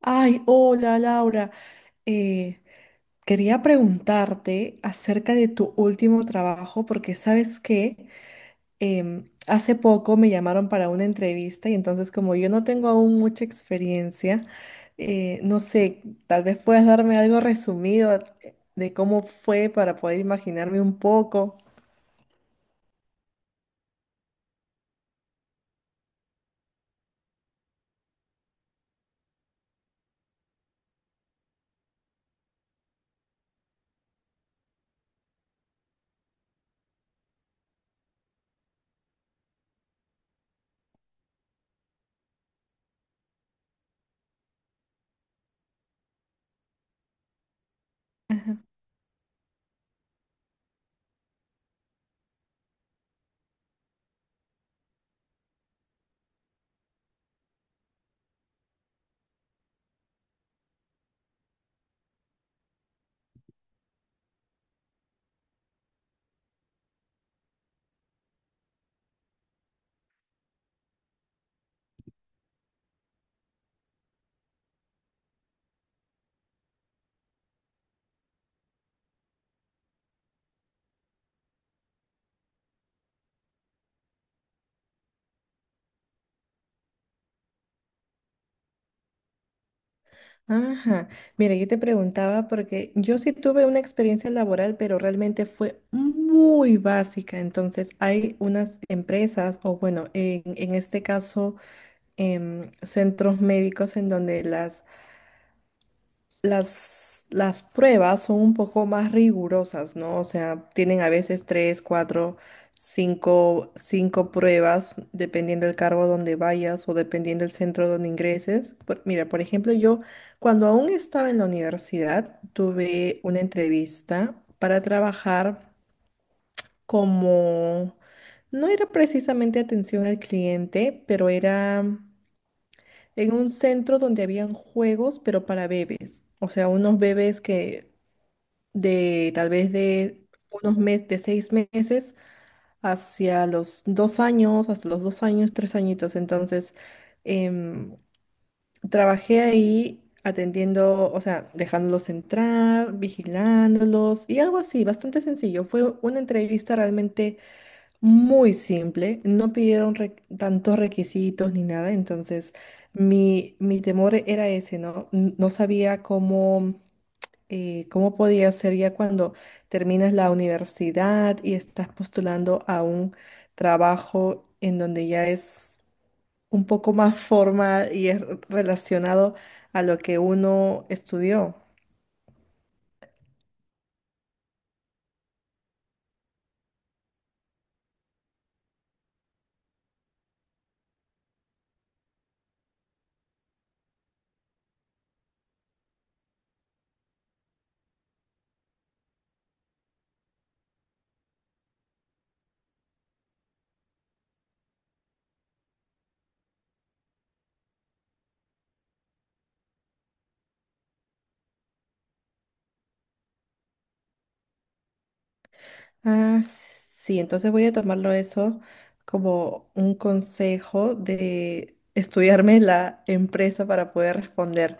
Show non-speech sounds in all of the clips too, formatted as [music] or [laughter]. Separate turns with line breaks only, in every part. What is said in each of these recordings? Ay, hola Laura. Eh, Quería preguntarte acerca de tu último trabajo porque sabes que hace poco me llamaron para una entrevista y entonces como yo no tengo aún mucha experiencia, no sé, tal vez puedas darme algo resumido de cómo fue para poder imaginarme un poco. Ajá, mira, yo te preguntaba porque yo sí tuve una experiencia laboral, pero realmente fue muy básica. Entonces, hay unas empresas, o bueno, en este caso, centros médicos en donde las pruebas son un poco más rigurosas, ¿no? O sea, tienen a veces tres, cuatro, cinco pruebas, dependiendo del cargo donde vayas o dependiendo del centro donde ingreses. Mira, por ejemplo, yo cuando aún estaba en la universidad, tuve una entrevista para trabajar como, no era precisamente atención al cliente, pero era en un centro donde habían juegos, pero para bebés. O sea, unos bebés que de tal vez de unos meses, de 6 meses hacia los 2 años, hasta los 2 años, 3 añitos. Entonces, em, trabajé ahí atendiendo, o sea, dejándolos entrar, vigilándolos y algo así, bastante sencillo. Fue una entrevista realmente muy simple, no pidieron tantos requisitos ni nada, entonces mi temor era ese, ¿no? No sabía cómo ¿cómo podía ser ya cuando terminas la universidad y estás postulando a un trabajo en donde ya es un poco más formal y es relacionado a lo que uno estudió? Ah, sí, entonces voy a tomarlo eso como un consejo de estudiarme la empresa para poder responder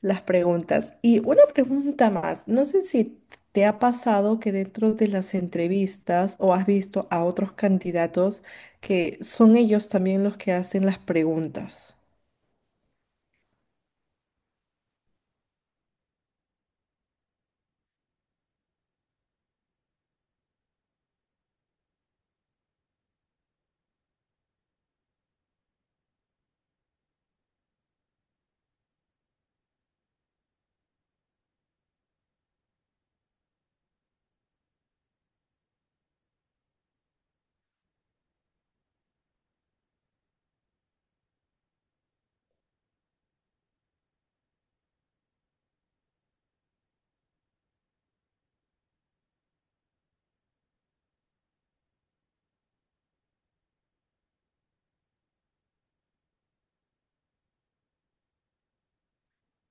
las preguntas. Y una pregunta más, no sé si te ha pasado que dentro de las entrevistas o has visto a otros candidatos que son ellos también los que hacen las preguntas.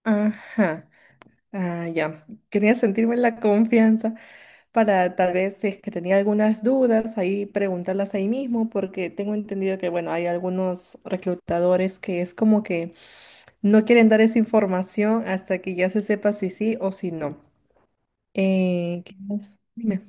Ajá. Ah, ya. Quería sentirme en la confianza para tal vez si es que tenía algunas dudas, ahí preguntarlas ahí mismo, porque tengo entendido que, bueno, hay algunos reclutadores que es como que no quieren dar esa información hasta que ya se sepa si sí o si no. ¿Qué más? Dime.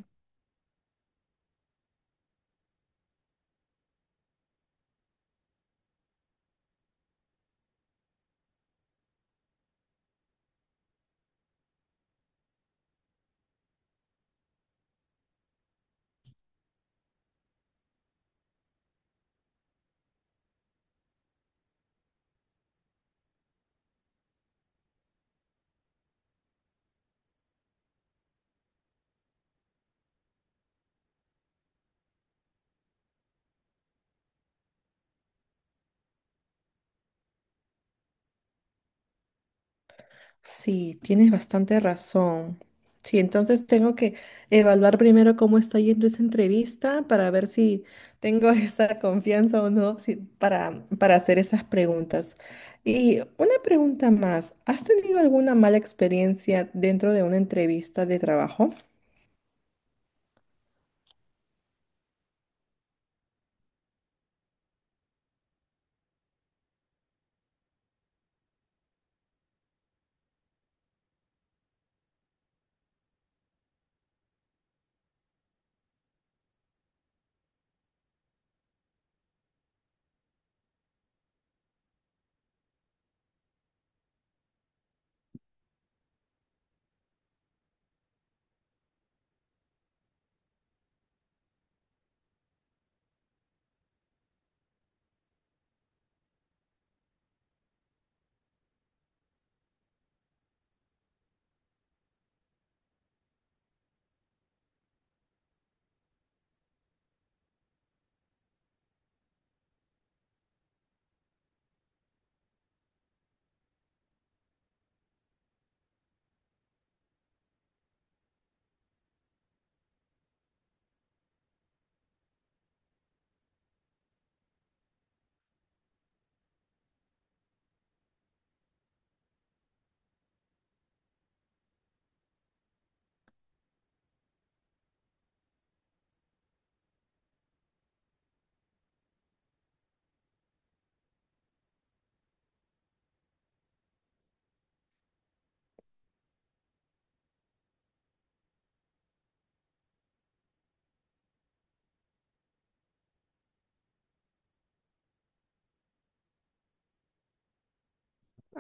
Sí, tienes bastante razón. Sí, entonces tengo que evaluar primero cómo está yendo esa entrevista para ver si tengo [laughs] esa confianza o no para hacer esas preguntas. Y una pregunta más, ¿has tenido alguna mala experiencia dentro de una entrevista de trabajo?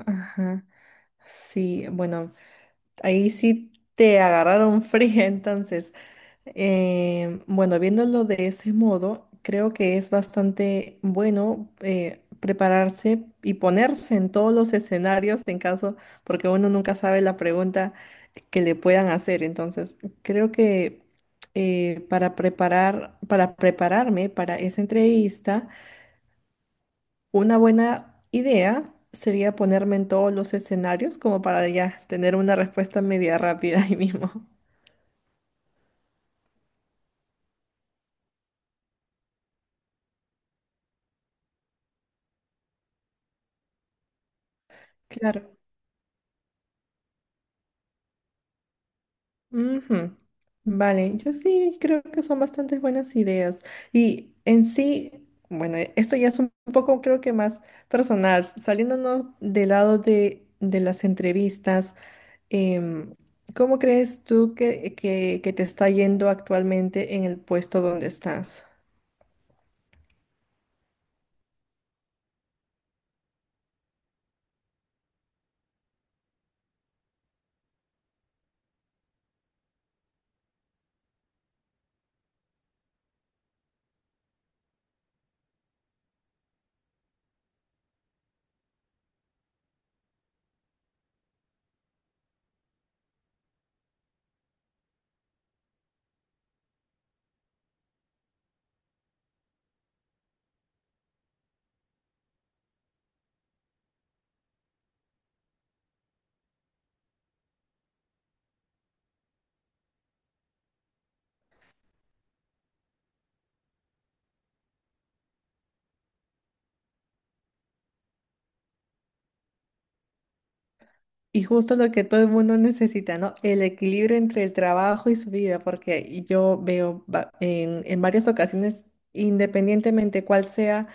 Ajá. Sí, bueno, ahí sí te agarraron [laughs] fría entonces. Bueno, viéndolo de ese modo, creo que es bastante bueno prepararse y ponerse en todos los escenarios en caso, porque uno nunca sabe la pregunta que le puedan hacer. Entonces, creo que para prepararme para esa entrevista, una buena idea sería ponerme en todos los escenarios como para ya tener una respuesta media rápida ahí mismo. [laughs] Claro. Ujú. Vale, yo sí creo que son bastantes buenas ideas. Y en sí, bueno, esto ya es un poco creo que más personal, saliéndonos del lado de las entrevistas, em, ¿cómo crees tú que te está yendo actualmente en el puesto donde estás? Y justo lo que todo el mundo [laughs] necesita, ¿no? El equilibrio entre el trabajo y su vida, porque yo veo en varias ocasiones, independientemente cuál sea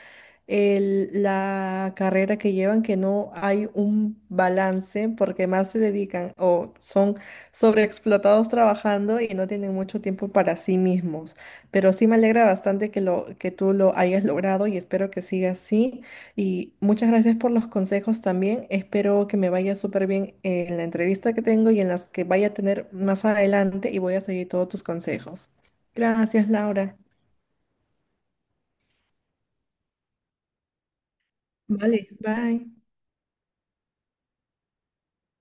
la carrera que llevan, que no hay un balance porque más se dedican o son sobreexplotados trabajando y no tienen mucho tiempo para sí mismos. Pero sí me alegra bastante que lo que tú lo hayas logrado y espero que siga así. Y muchas gracias por los consejos también. Espero que me vaya súper bien en la entrevista que tengo y en las que vaya a tener más adelante y voy a seguir todos tus consejos. Gracias, Laura. Vale, bye.